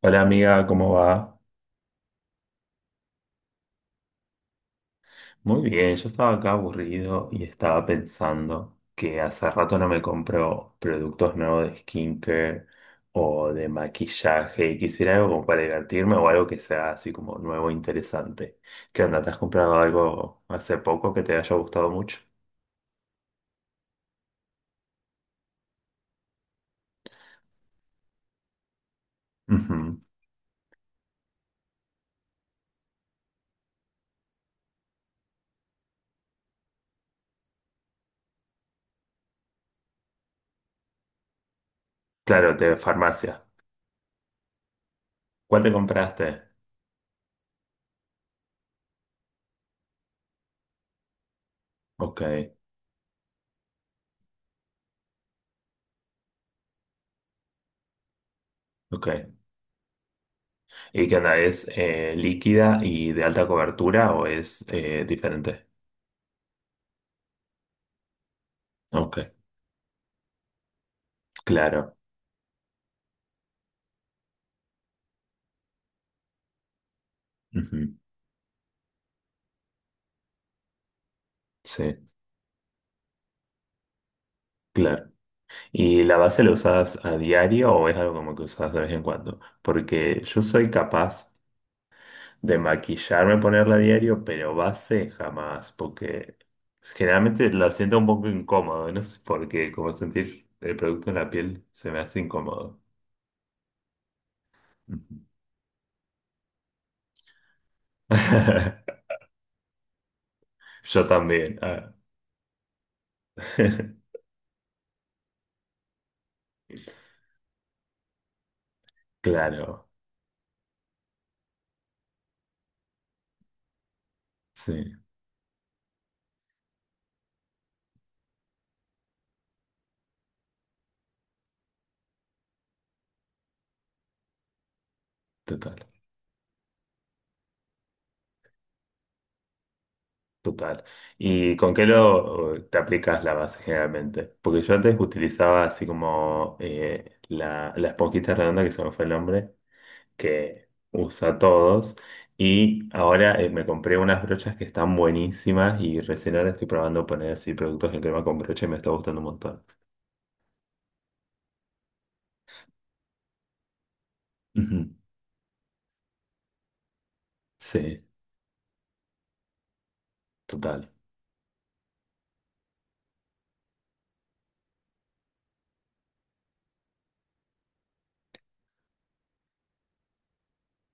Hola amiga, ¿cómo va? Muy bien, yo estaba acá aburrido y estaba pensando que hace rato no me compro productos nuevos de skincare o de maquillaje y quisiera algo como para divertirme o algo que sea así como nuevo e interesante. ¿Qué onda? ¿Te has comprado algo hace poco que te haya gustado mucho? Ujú. Claro, de farmacia. ¿Cuál te compraste? Ok, ok. ¿Y qué onda? ¿Es líquida y de alta cobertura o es diferente? Ok. Claro. Ujú, sí, claro. ¿Y la base la usas a diario o es algo como que usas de vez en cuando? Porque yo soy capaz de maquillarme, ponerla a diario, pero base jamás, porque generalmente lo siento un poco incómodo, no sé por qué, como sentir el producto en la piel se me hace incómodo. Ujú. Yo también, ah. Claro, sí, total. Total. ¿Y con qué lo te aplicas la base generalmente? Porque yo antes utilizaba así como la esponjita redonda, que se me fue el nombre, que usa todos. Y ahora me compré unas brochas que están buenísimas y recién ahora estoy probando poner así productos en crema con brocha y me está gustando un montón. Ujú. Sí, total.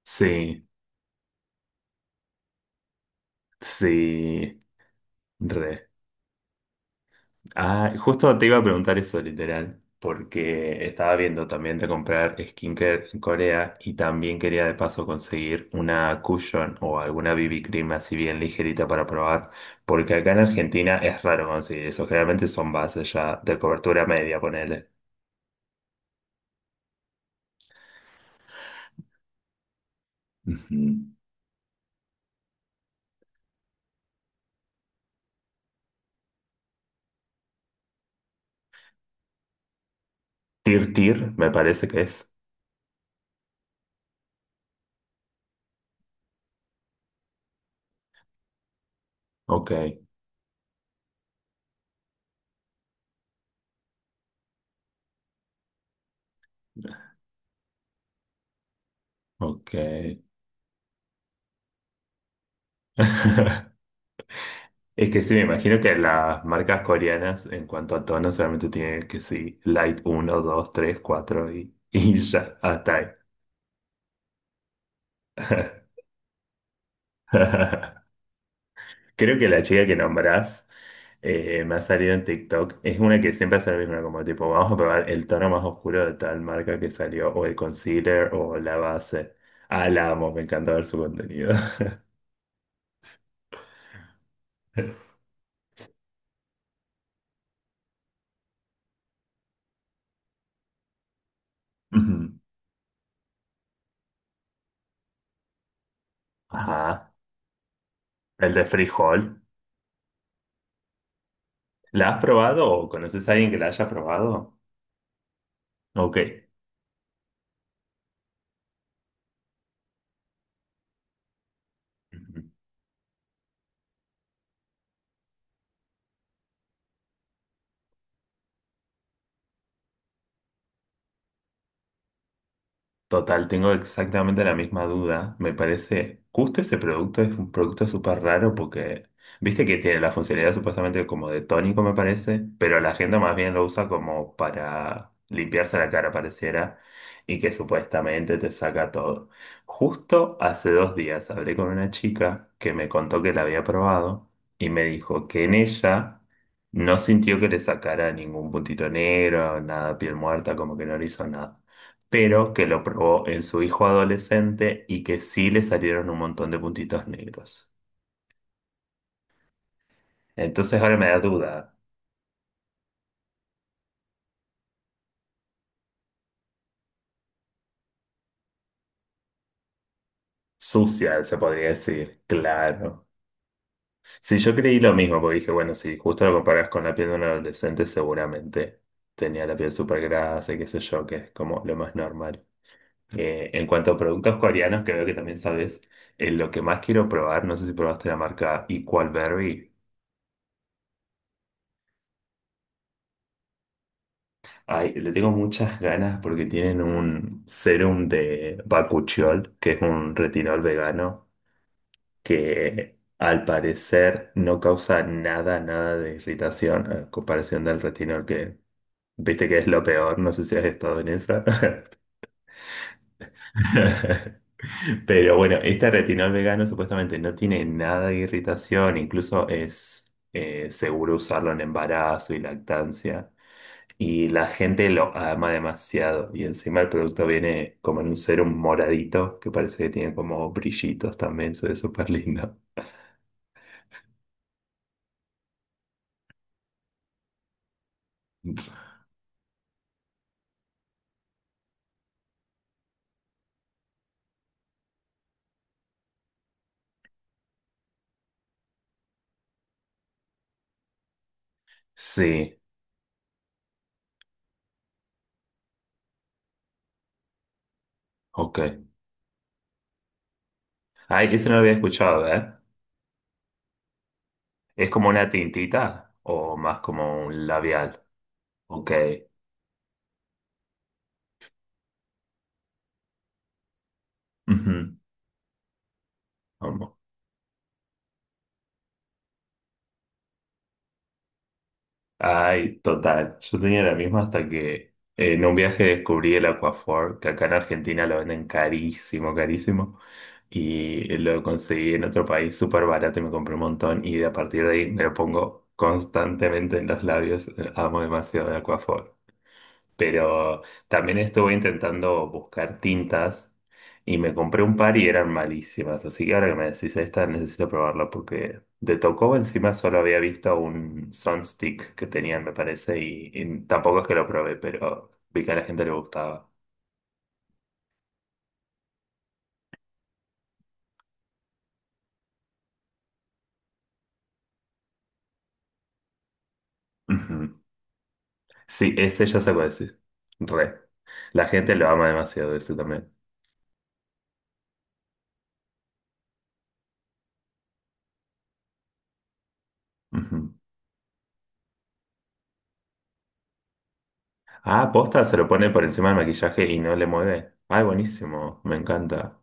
Sí, sí, re. Ah, justo te iba a preguntar eso, literal, porque estaba viendo también de comprar skincare en Corea y también quería de paso conseguir una cushion o alguna BB cream así bien ligerita para probar, porque acá en Argentina es raro conseguir eso, generalmente son bases ya de cobertura media, ponele. Ujú. Tir Tir, me parece que es. Ok, ok. Es que sí, me imagino que las marcas coreanas en cuanto a tono solamente tienen que sí, Light uno 2 3 4 y, y ya, hasta ahí. Creo que la chica que nombrás me ha salido en TikTok es una que siempre hace lo mismo, como tipo, vamos a probar el tono más oscuro de tal marca que salió, o el concealer o la base. Ah, la amo, me encanta ver su contenido. Ujú. Ajá. El de frijol. ¿La has probado o conoces a alguien que la haya probado? Ok. Ujú. Total, tengo exactamente la misma duda. Me parece, justo ese producto es un producto súper raro porque, viste que tiene la funcionalidad supuestamente como de tónico, me parece, pero la gente más bien lo usa como para limpiarse la cara, pareciera, y que supuestamente te saca todo. Justo hace 2 días hablé con una chica que me contó que la había probado y me dijo que en ella no sintió que le sacara ningún puntito negro, nada, piel muerta, como que no le hizo nada pero que lo probó en su hijo adolescente y que sí le salieron un montón de puntitos negros. Entonces ahora me da duda. Sucia, se podría decir, claro. Sí, yo creí lo mismo, porque dije, bueno, si justo lo comparas con la piel de un adolescente, seguramente tenía la piel súper grasa y qué sé yo, que es como lo más normal. En cuanto a productos coreanos, que veo que también sabes, lo que más quiero probar, no sé si probaste la marca Equal Berry. Ay, le tengo muchas ganas porque tienen un serum de bakuchiol, que es un retinol vegano, que al parecer no causa nada, nada de irritación a comparación del retinol que, viste que es lo peor, no sé si has estado en esa. Pero bueno, este retinol vegano supuestamente no tiene nada de irritación, incluso es seguro usarlo en embarazo y lactancia. Y la gente lo ama demasiado. Y encima el producto viene como en un serum moradito, que parece que tiene como brillitos también, se ve súper lindo. Sí, ok. Ay, eso no lo había escuchado, ¿eh? ¿Es como una tintita o más como un labial? Ok. Ujú. Ay, total. Yo tenía la misma hasta que en un viaje descubrí el Aquaphor, que acá en Argentina lo venden carísimo, carísimo. Y lo conseguí en otro país súper barato y me compré un montón. Y a partir de ahí me lo pongo constantemente en los labios. Amo demasiado el Aquaphor. Pero también estuve intentando buscar tintas y me compré un par y eran malísimas. Así que ahora que me decís esta, necesito probarla porque de Tocobo encima solo había visto un Sunstick que tenían, me parece, y tampoco es que lo probé, pero vi que a la gente le gustaba. Ujú. Sí, ese ya sé cuál decir. Re. La gente lo ama demasiado, ese también. Ujú. Ah, posta, se lo pone por encima del maquillaje y no le mueve. Ay, buenísimo, me encanta.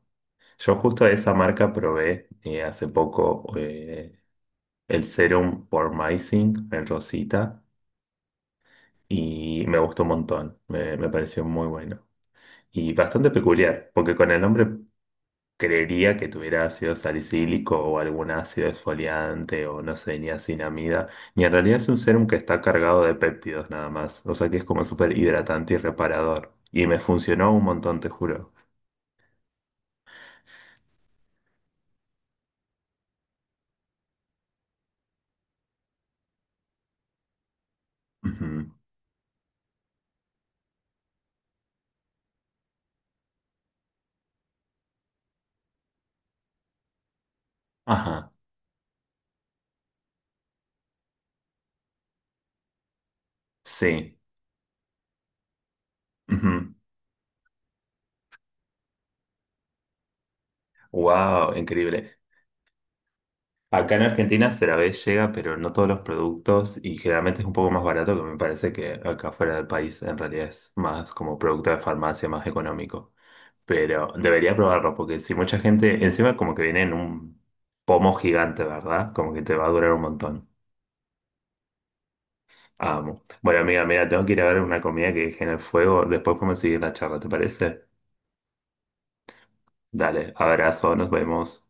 Yo justo de esa marca probé hace poco el serum por Pormazine, el Rosita, y me gustó un montón, me pareció muy bueno. Y bastante peculiar, porque con el nombre creería que tuviera ácido salicílico o algún ácido esfoliante o no sé, niacinamida, y en realidad es un serum que está cargado de péptidos nada más, o sea que es como súper hidratante y reparador. Y me funcionó un montón, te juro. Ujú. Ajá, sí. Ujú. Wow, increíble. Acá en Argentina vez llega, pero no todos los productos y generalmente es un poco más barato que me parece que acá fuera del país en realidad es más como producto de farmacia, más económico. Pero debería probarlo porque si mucha gente, encima como que viene en un pomo gigante, ¿verdad? Como que te va a durar un montón. Amo. Bueno, amiga, mira, tengo que ir a ver una comida que dejé en el fuego. Después podemos seguir la charla, ¿te parece? Dale, abrazo, nos vemos.